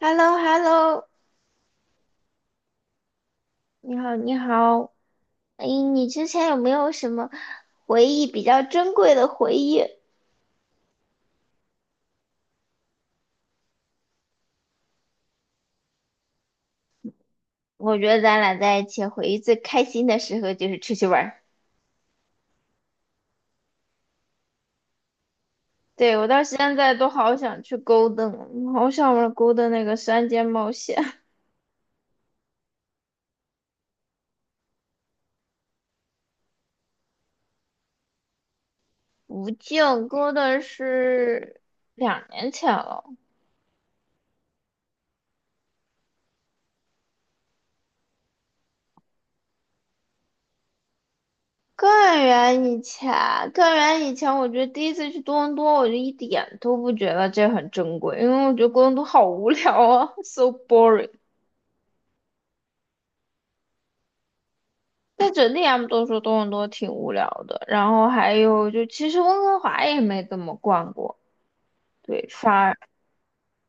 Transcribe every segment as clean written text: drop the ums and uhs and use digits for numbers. h e l l o hello 你好，你好。哎，你之前有没有什么回忆比较珍贵的回忆？我觉得咱俩在一起回忆最开心的时候就是出去玩儿。对，我到现在都好想去勾 o 好想玩勾 o 那个山间冒险。无尽勾 o 是2年前了，更远以前，更远以前，我觉得第一次去多伦多，我就一点都不觉得这很珍贵，因为我觉得多伦多好无聊啊，so boring。但整体他们都说多伦多挺无聊的，然后还有就其实温哥华也没怎么逛过，对，反而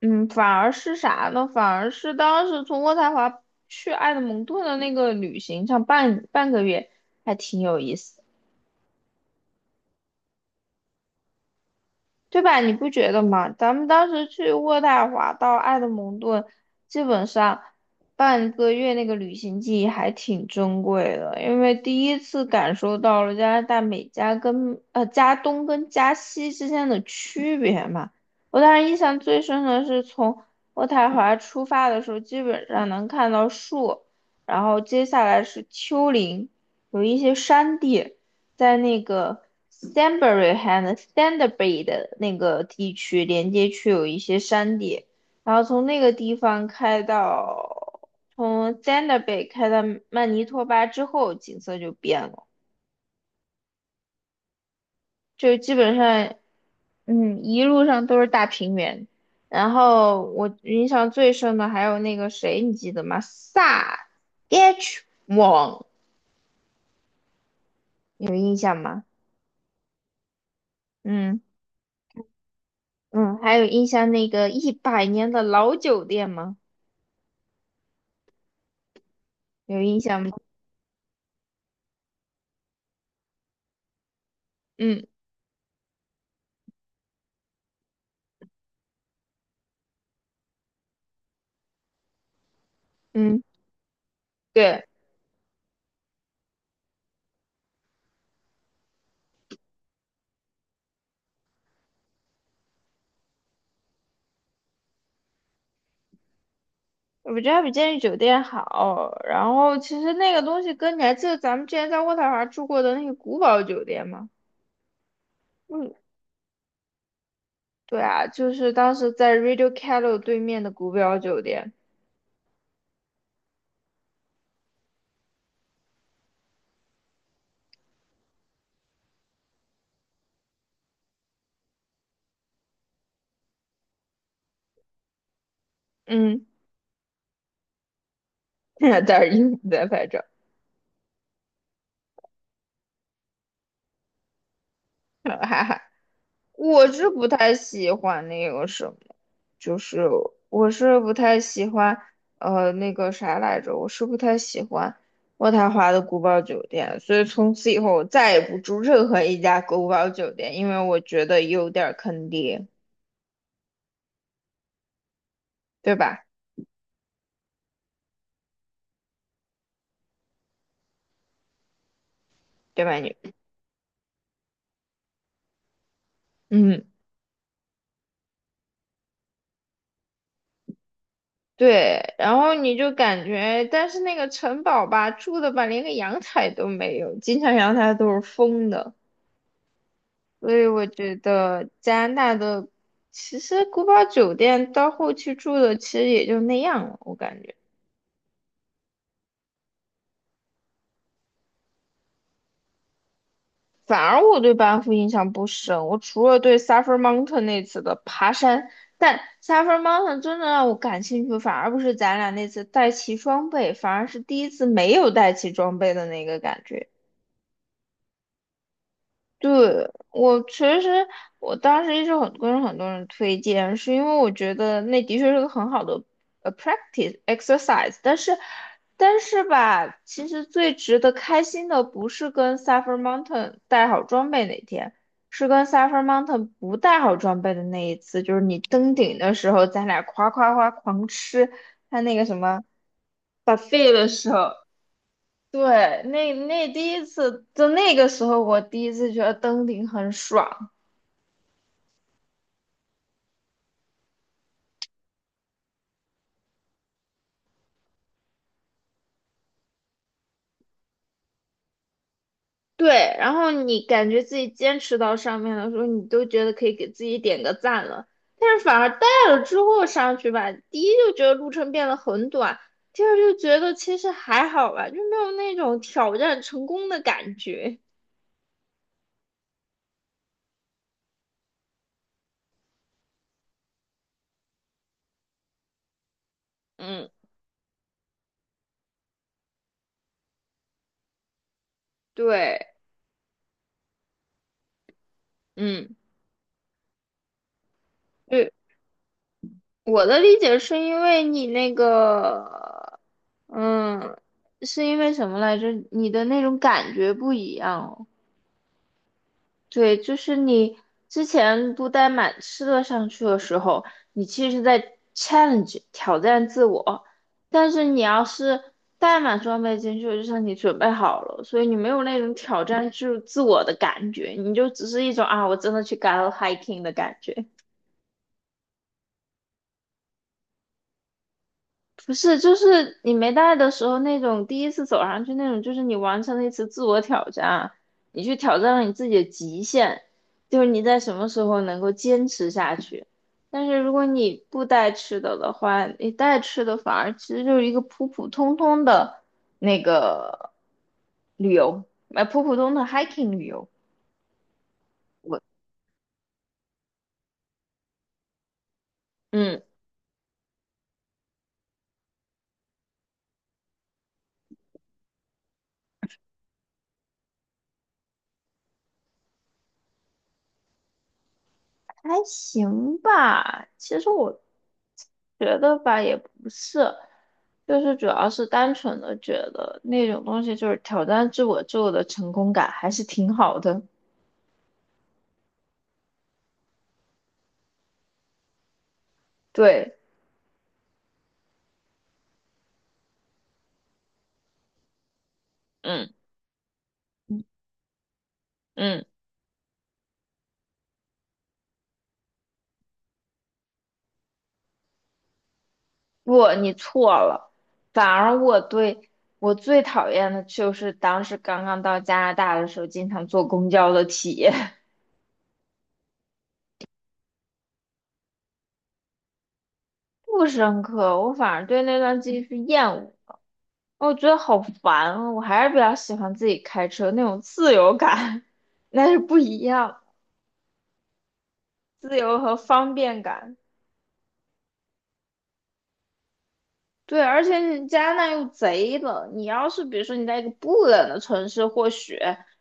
反而是啥呢？反而是当时从渥太华去埃德蒙顿的那个旅行上半个月还挺有意思的。对吧？你不觉得吗？咱们当时去渥太华到埃德蒙顿，基本上半个月那个旅行记忆还挺珍贵的，因为第一次感受到了加拿大美加跟加东跟加西之间的区别嘛。我当时印象最深的是从渥太华出发的时候，基本上能看到树，然后接下来是丘陵，有一些山地。在那个 Stanbury 和 Stanbury 的那个地区连接区有一些山地，然后从那个地方开到从 Stanbery 开到曼尼托巴之后，景色就变了，就基本上一路上都是大平原。然后我印象最深的还有那个谁，你记得吗？萨 H 网有印象吗？嗯。嗯，还有印象那个100年的老酒店吗？有印象吗？嗯嗯，对，我觉得它比监狱酒店好。然后其实那个东西跟你还记得咱们之前在渥太华住过的那个古堡酒店吗？嗯，对啊，就是当时在 Radio Calo 对面的古堡酒店。嗯，在那儿在拍照。我是不太喜欢那个什么，就是我是不太喜欢，那个啥来着，我是不太喜欢渥太华的古堡酒店，所以从此以后我再也不住任何一家古堡酒店，因为我觉得有点儿坑爹，对吧？对吧你？嗯，对，然后你就感觉，但是那个城堡吧，住的吧，连个阳台都没有，经常阳台都是封的。所以我觉得加拿大的其实古堡酒店到后期住的其实也就那样了，我感觉。反而我对班夫印象不深，我除了对 Suffer Mountain 那次的爬山，但 Suffer Mountain 真的让我感兴趣，反而不是咱俩那次带齐装备，反而是第一次没有带齐装备的那个感觉。对，我其实我当时一直很跟很多人推荐，是因为我觉得那的确是个很好的practice exercise，但是吧，其实最值得开心的不是跟 Suffer Mountain 带好装备那天，是跟 Suffer Mountain 不带好装备的那一次，就是你登顶的时候，咱俩夸夸夸狂吃他那个什么 buffet 的时候。对，那第一次，就那个时候，我第一次觉得登顶很爽。对，然后你感觉自己坚持到上面的时候，你都觉得可以给自己点个赞了。但是反而带了之后上去吧，第一就觉得路程变得很短，第二就觉得其实还好吧，就没有那种挑战成功的感觉。嗯，对，嗯，对。我的理解是因为你那个，嗯，是因为什么来着？你的那种感觉不一样哦。对，就是你之前不带满吃的上去的时候，你其实是在 challenge 挑战自我，但是你要是带满装备进去，就像你准备好了，所以你没有那种挑战自我的感觉，你就只是一种啊，我真的去 go hiking 的感觉。不是，就是你没带的时候那种第一次走上去那种，就是你完成了一次自我挑战，你去挑战了你自己的极限，就是你在什么时候能够坚持下去。但是如果你不带吃的的话，你带吃的反而其实就是一个普普通通的那个旅游，普普通的 hiking 旅游。嗯。还行吧，其实我觉得吧，也不是，就是主要是单纯的觉得那种东西就是挑战自我之后的成功感还是挺好的。对，嗯嗯，嗯，不，你错了，反而我对我最讨厌的就是当时刚刚到加拿大的时候，经常坐公交的体验。不深刻，我反而对那段记忆是厌恶的，我觉得好烦啊！我还是比较喜欢自己开车那种自由感，那是不一样，自由和方便感。对，而且你加拿大又贼冷，你要是比如说你在一个不冷的城市，或许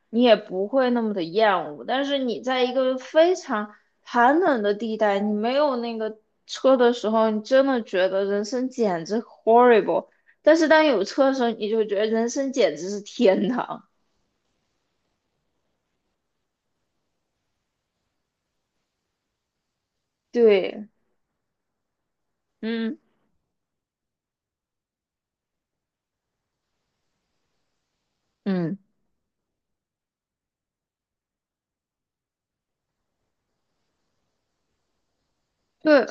你也不会那么的厌恶，但是你在一个非常寒冷的地带，你没有那个车的时候，你真的觉得人生简直 horrible。但是当有车的时候，你就觉得人生简直是天堂。对，嗯嗯，对，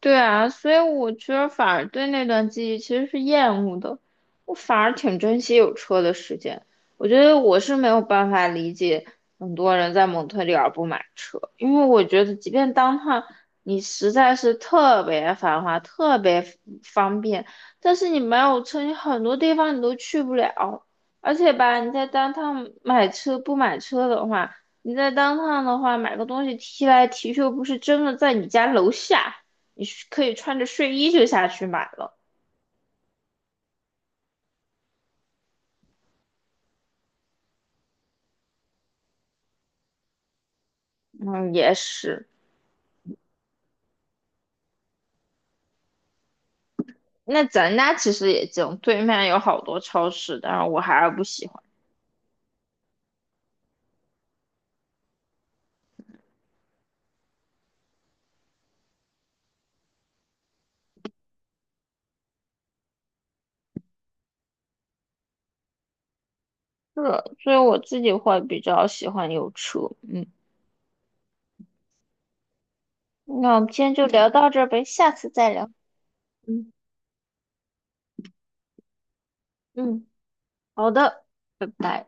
对啊，所以我觉得反而对那段记忆其实是厌恶的，我反而挺珍惜有车的时间。我觉得我是没有办法理解很多人在蒙特利尔不买车，因为我觉得即便当趟你实在是特别繁华、特别方便，但是你没有车，你很多地方你都去不了。而且吧，你在当趟买车不买车的话，你在当趟的话买个东西提来提去，又不是真的在你家楼下。你可以穿着睡衣就下去买了。嗯，也是。那咱家其实也近，对面有好多超市，但是我还是不喜欢。是，所以我自己会比较喜欢有车。嗯，那我们今天就聊到这儿呗，下次再聊。嗯嗯，好的。拜拜。